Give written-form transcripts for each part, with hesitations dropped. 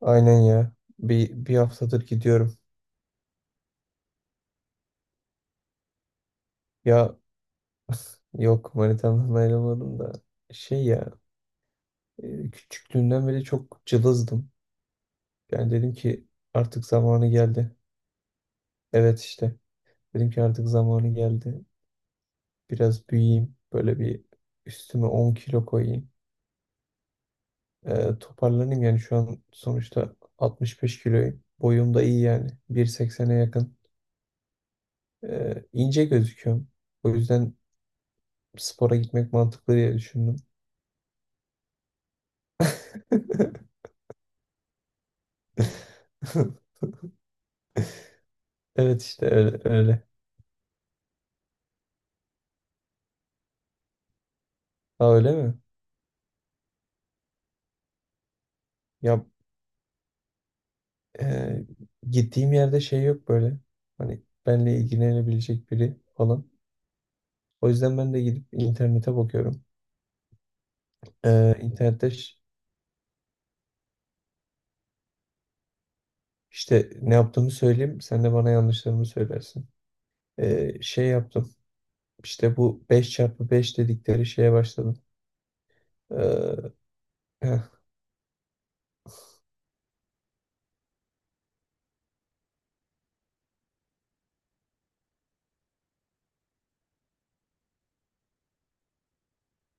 Aynen ya. Bir haftadır gidiyorum. Ya yok manitamdan ayrılmadım da şey ya küçüklüğümden beri çok cılızdım. Yani dedim ki artık zamanı geldi. Evet işte dedim ki artık zamanı geldi. Biraz büyüyeyim. Böyle bir üstüme 10 kilo koyayım. Toparlanayım yani şu an sonuçta 65 kiloyum. Boyum da iyi yani. 1.80'e yakın. İnce gözüküyorum. O yüzden spora gitmek mantıklı diye düşündüm. Evet işte öyle öyle. Ha öyle mi? Ya e, gittiğim yerde şey yok böyle. Hani benle ilgilenebilecek biri falan. O yüzden ben de gidip internete bakıyorum. İnternette işte ne yaptığımı söyleyeyim. Sen de bana yanlışlarımı söylersin. Şey yaptım. İşte bu beş çarpı beş dedikleri şeye başladım. E, heh,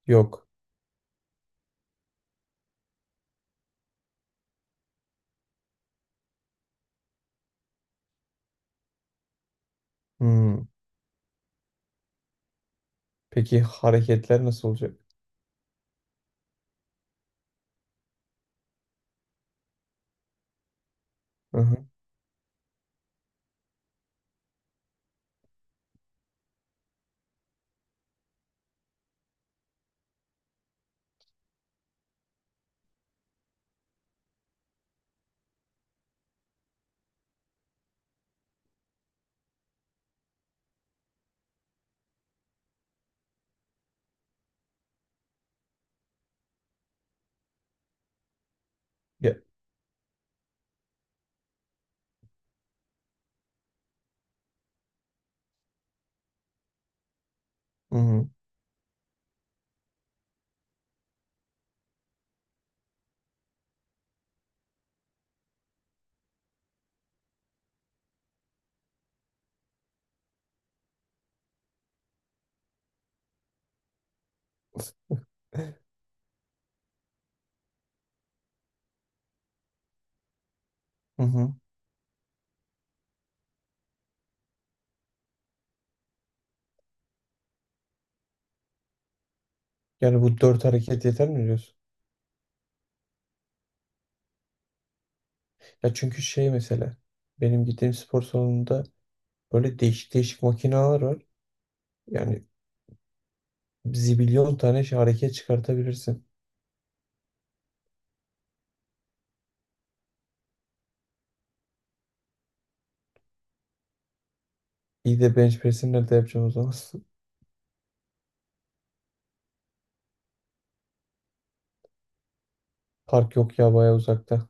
yok. Hmm. Peki hareketler nasıl olacak? Hı hı. Ya, hı hı. Hı hı. Yani bu dört hareket yeter mi diyorsun? Ya çünkü şey mesela benim gittiğim spor salonunda böyle değişik değişik makineler var. Yani zibilyon tane şey hareket çıkartabilirsin. İyi de bench press'i nerede yapacaksın o zaman? Park yok ya baya uzakta.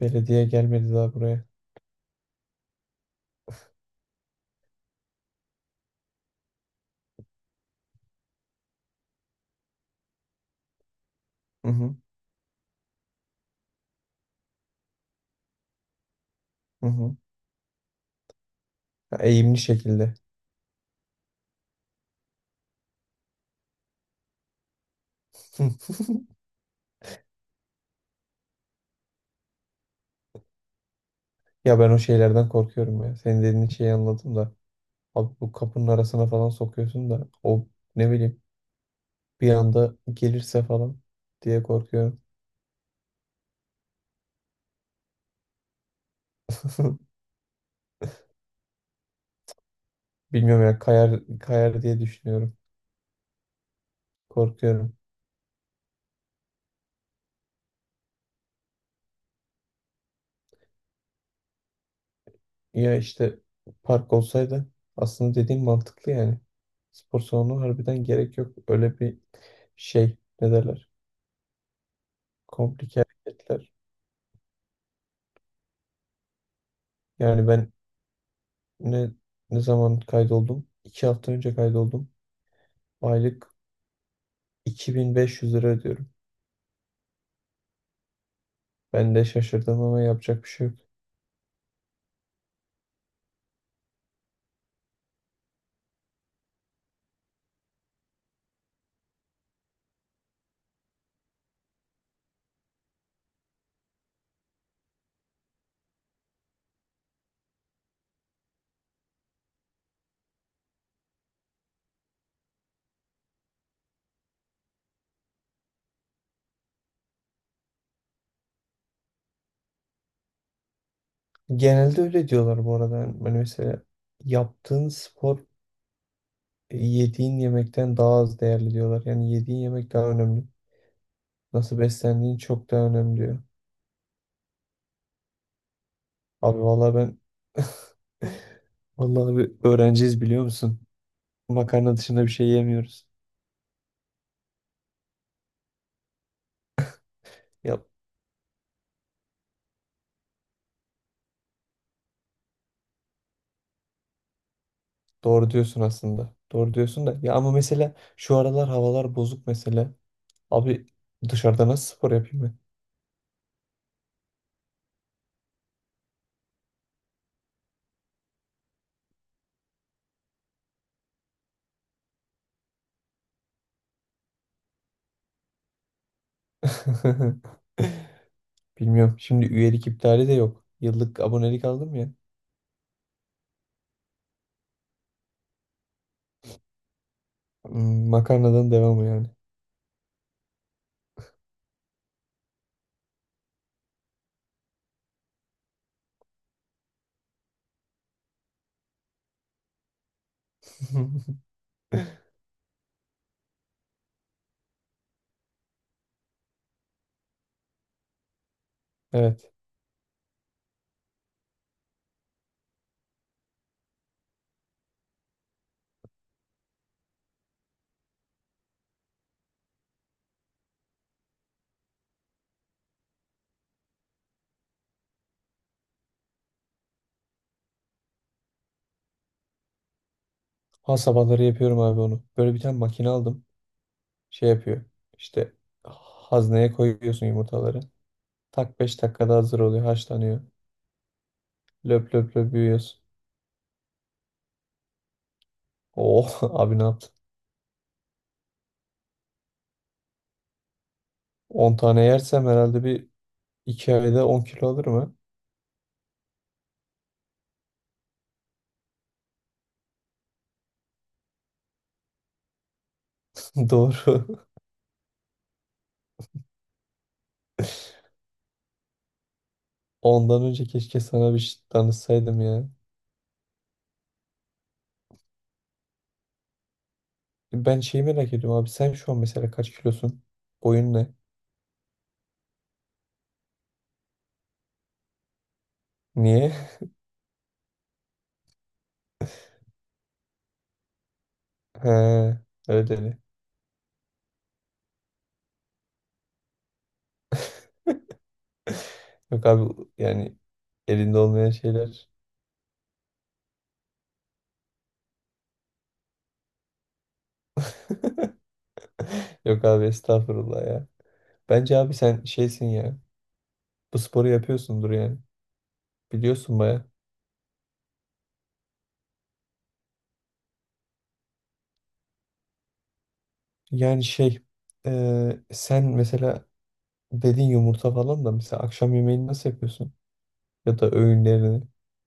Belediye gelmedi daha buraya. Hı hı hı hı. Ya eğimli şekilde. Ya ben o şeylerden korkuyorum ya. Senin dediğin şeyi anladım da. Abi bu kapının arasına falan sokuyorsun da o ne bileyim bir anda gelirse falan diye korkuyorum. Bilmiyorum ya kayar kayar diye düşünüyorum. Korkuyorum. Ya işte park olsaydı aslında dediğim mantıklı yani. Spor salonu harbiden gerek yok. Öyle bir şey ne derler? Komplike hareketler. Yani ben ne ne zaman kaydoldum? 2 hafta önce kaydoldum. Aylık 2.500 lira ödüyorum. Ben de şaşırdım ama yapacak bir şey yok. Genelde öyle diyorlar bu arada. Yani hani mesela yaptığın spor yediğin yemekten daha az değerli diyorlar. Yani yediğin yemek daha önemli. Nasıl beslendiğin çok daha önemli diyor. Abi vallahi ben vallahi abi öğrenciyiz biliyor musun? Makarna dışında bir şey yemiyoruz. Ya doğru diyorsun aslında. Doğru diyorsun da ya ama mesela şu aralar havalar bozuk mesela. Abi dışarıda nasıl spor yapayım ben? Bilmiyorum. Şimdi üyelik iptali de yok. Yıllık abonelik aldım ya. Makarnadan devamı yani. Evet. Ha sabahları yapıyorum abi onu. Böyle bir tane makine aldım. Şey yapıyor. İşte hazneye koyuyorsun yumurtaları. Tak 5 dakikada hazır oluyor, haşlanıyor. Löp löp löp büyüyorsun. Oh abi ne yaptın? 10 tane yersem herhalde bir 2 ayda 10 kilo alırım ha. Doğru. Ondan önce keşke sana bir şey danışsaydım ya. Ben şeyi merak ediyorum abi sen şu an mesela kaç kilosun? Boyun ne? Niye? He, ödeli. Yok abi yani elinde olmayan şeyler. Yok abi estağfurullah ya. Bence abi sen şeysin ya. Bu sporu yapıyorsundur yani. Biliyorsun baya. Yani şey sen mesela dedin yumurta falan da mesela akşam yemeğini nasıl yapıyorsun? Ya da öğünlerini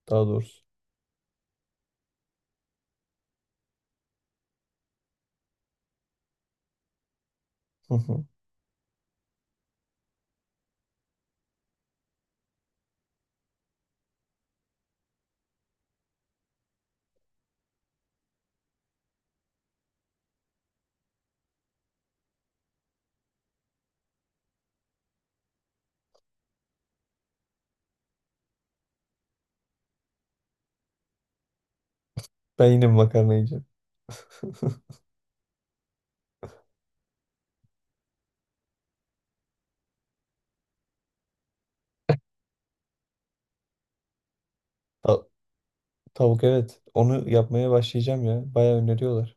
daha doğrusu. Hı hı. Ben yine makarna yiyeceğim. Ta- tavuk evet. Onu yapmaya başlayacağım ya. Bayağı öneriyorlar.